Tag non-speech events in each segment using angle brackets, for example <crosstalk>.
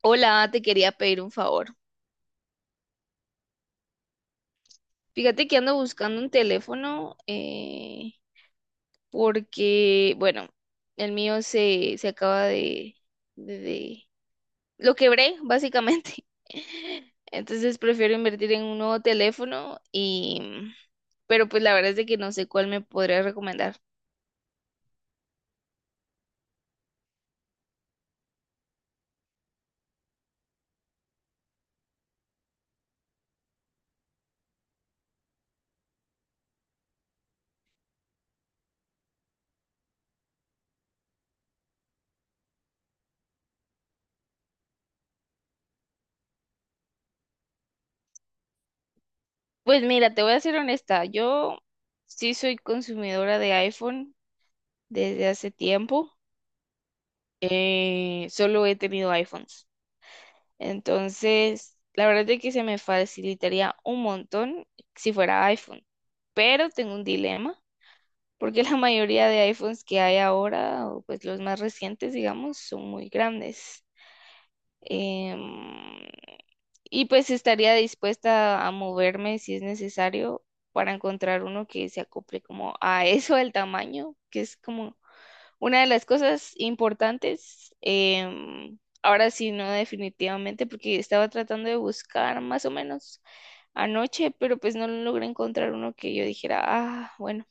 Hola, te quería pedir un favor. Fíjate que ando buscando un teléfono porque, bueno, el mío se acaba de, de... de- Lo quebré, básicamente. <laughs> Entonces prefiero invertir en un nuevo teléfono y... Pero pues la verdad es de que no sé cuál me podría recomendar. Pues mira, te voy a ser honesta. Yo sí soy consumidora de iPhone desde hace tiempo. Solo he tenido iPhones. Entonces, la verdad es que se me facilitaría un montón si fuera iPhone. Pero tengo un dilema, porque la mayoría de iPhones que hay ahora, o pues los más recientes, digamos, son muy grandes. Em, y pues estaría dispuesta a moverme si es necesario para encontrar uno que se acople como a <laughs> eso, el tamaño, que es como una de las cosas importantes, ahora sí, no definitivamente, porque estaba tratando de buscar más o menos anoche, pero pues no logré encontrar uno que yo dijera, ah, bueno.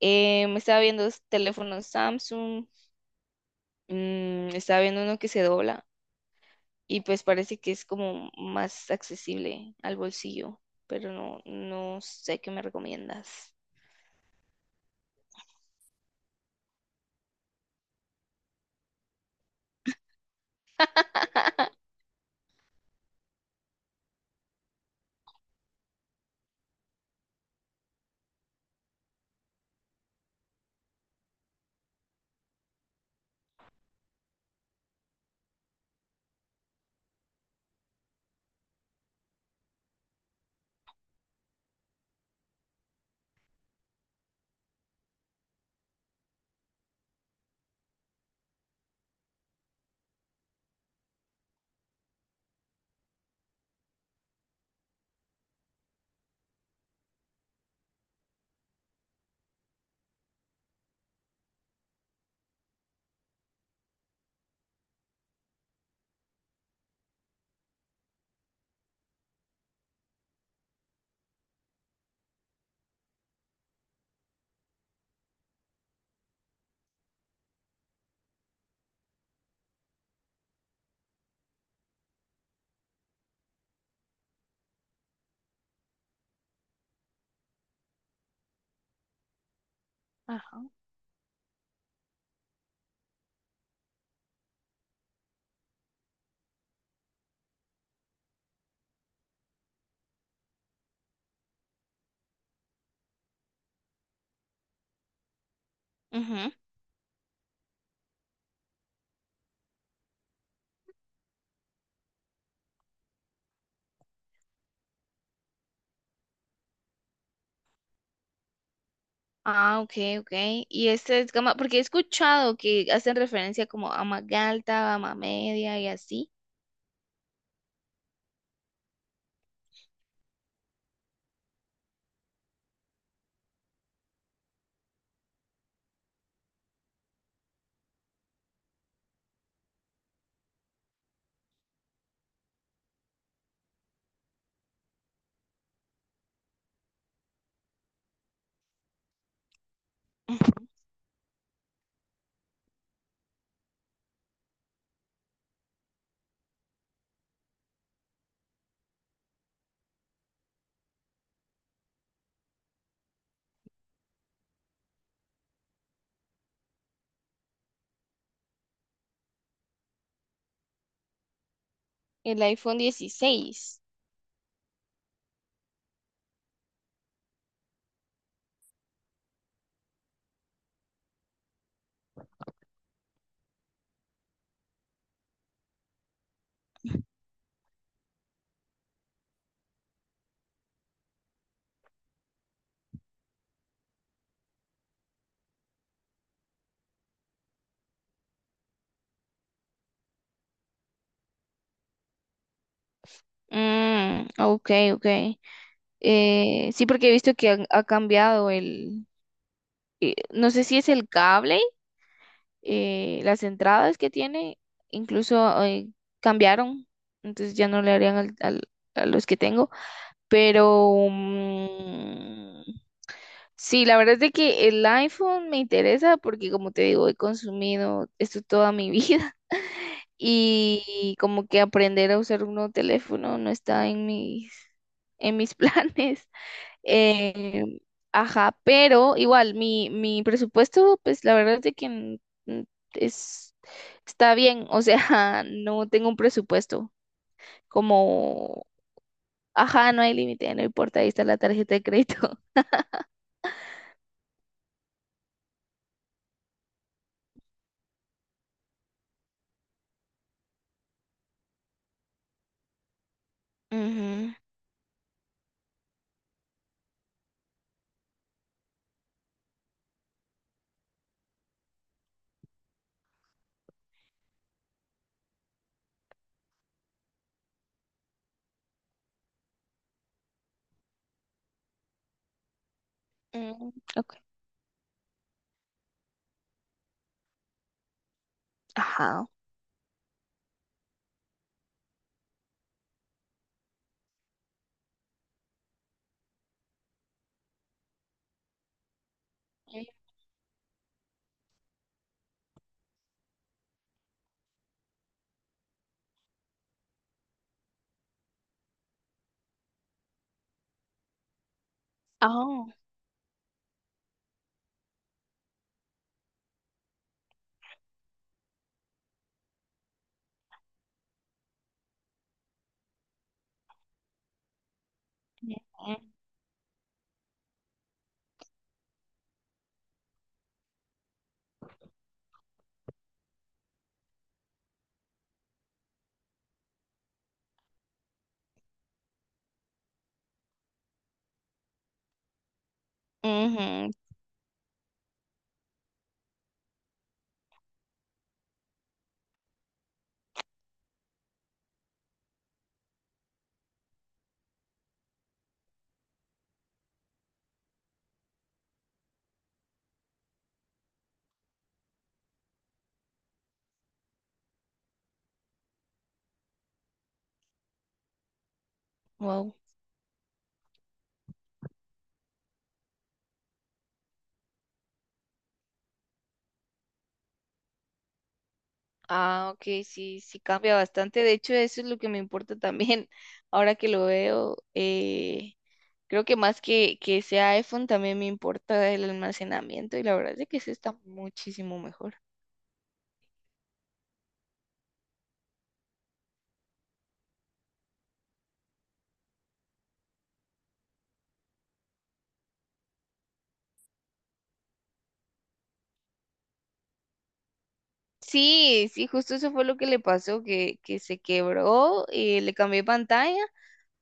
Me estaba viendo teléfonos Samsung, mm, estaba viendo uno que se dobla y pues parece que es como más accesible al bolsillo, pero no sé qué me recomiendas. Ajá. Ah, ok, ok. Y este es gama, porque he escuchado que hacen referencia como a Magalta, a media y así. Ujú. El iPhone 16. Mm, ok, ok. Sí, porque he visto que cambiado el, no sé si es el cable, las entradas que tiene, incluso cambiaron, entonces ya no le harían a los que tengo, pero mm. Sí, la verdad es de que el iPhone me interesa porque como te digo, he consumido esto toda mi vida <laughs> y como que aprender a usar un nuevo teléfono no está en mis <laughs> planes. Eh, ajá, pero igual mi presupuesto, pues la verdad es de que n- es, está bien, o sea, <laughs> no tengo un presupuesto como... Ajá, no hay límite, no importa, ahí está la tarjeta de crédito. <laughs> Ujú, mm, ok. Ajá. Oh. Ujú. Wow. Ah, ok, sí, sí cambia bastante. De hecho, eso es lo que me importa también. <laughs> Ahora que lo veo, creo que más que sea iPhone, también me importa el almacenamiento y la verdad es que ese está muchísimo mejor. Sí, sí, justo eso fue lo que le pasó, que se quebró y le cambié pantalla,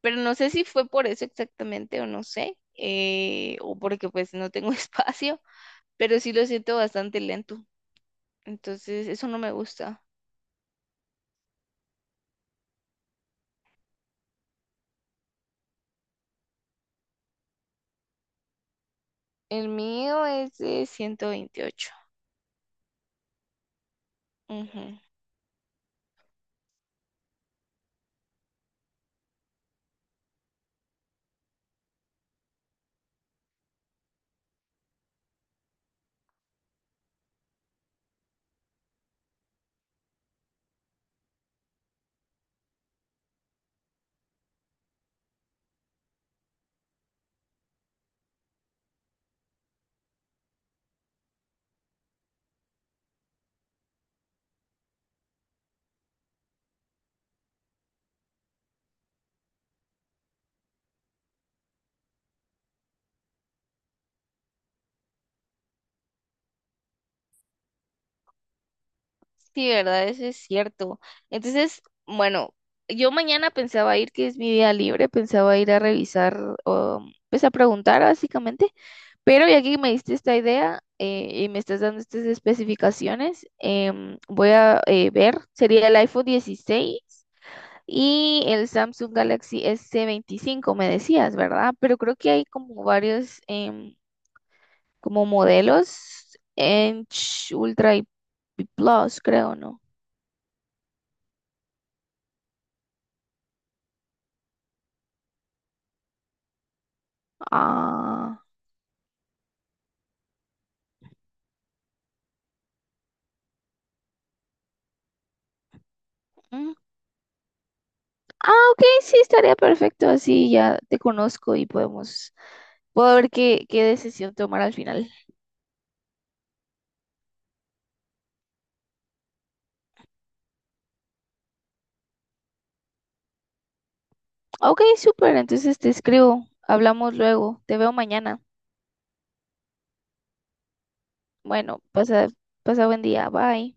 pero no sé si fue por eso exactamente o no sé, o porque pues no tengo <laughs> espacio, pero sí lo siento bastante lento. Entonces, eso no me gusta. El mío es de 128. Ujú. Sí, ¿verdad? Eso es cierto. Entonces, bueno, yo mañana pensaba ir, que es mi día libre, pensaba ir a revisar, o, pues a preguntar básicamente, pero ya que me diste esta idea y me estás dando estas especificaciones, voy a ver, sería el iPhone 16 y el Samsung Galaxy S25 me decías, ¿verdad? Pero creo que hay como varios... como modelos en Ultra y Plus, creo, ¿no? Ah, mm, ah, ok, sí, estaría perfecto. Así ya te conozco y podemos, puedo ver qué, qué decisión tomar al final. Ok, súper, entonces te escribo. Hablamos luego. Te veo mañana. Bueno, pasa, pasa buen día. Bye.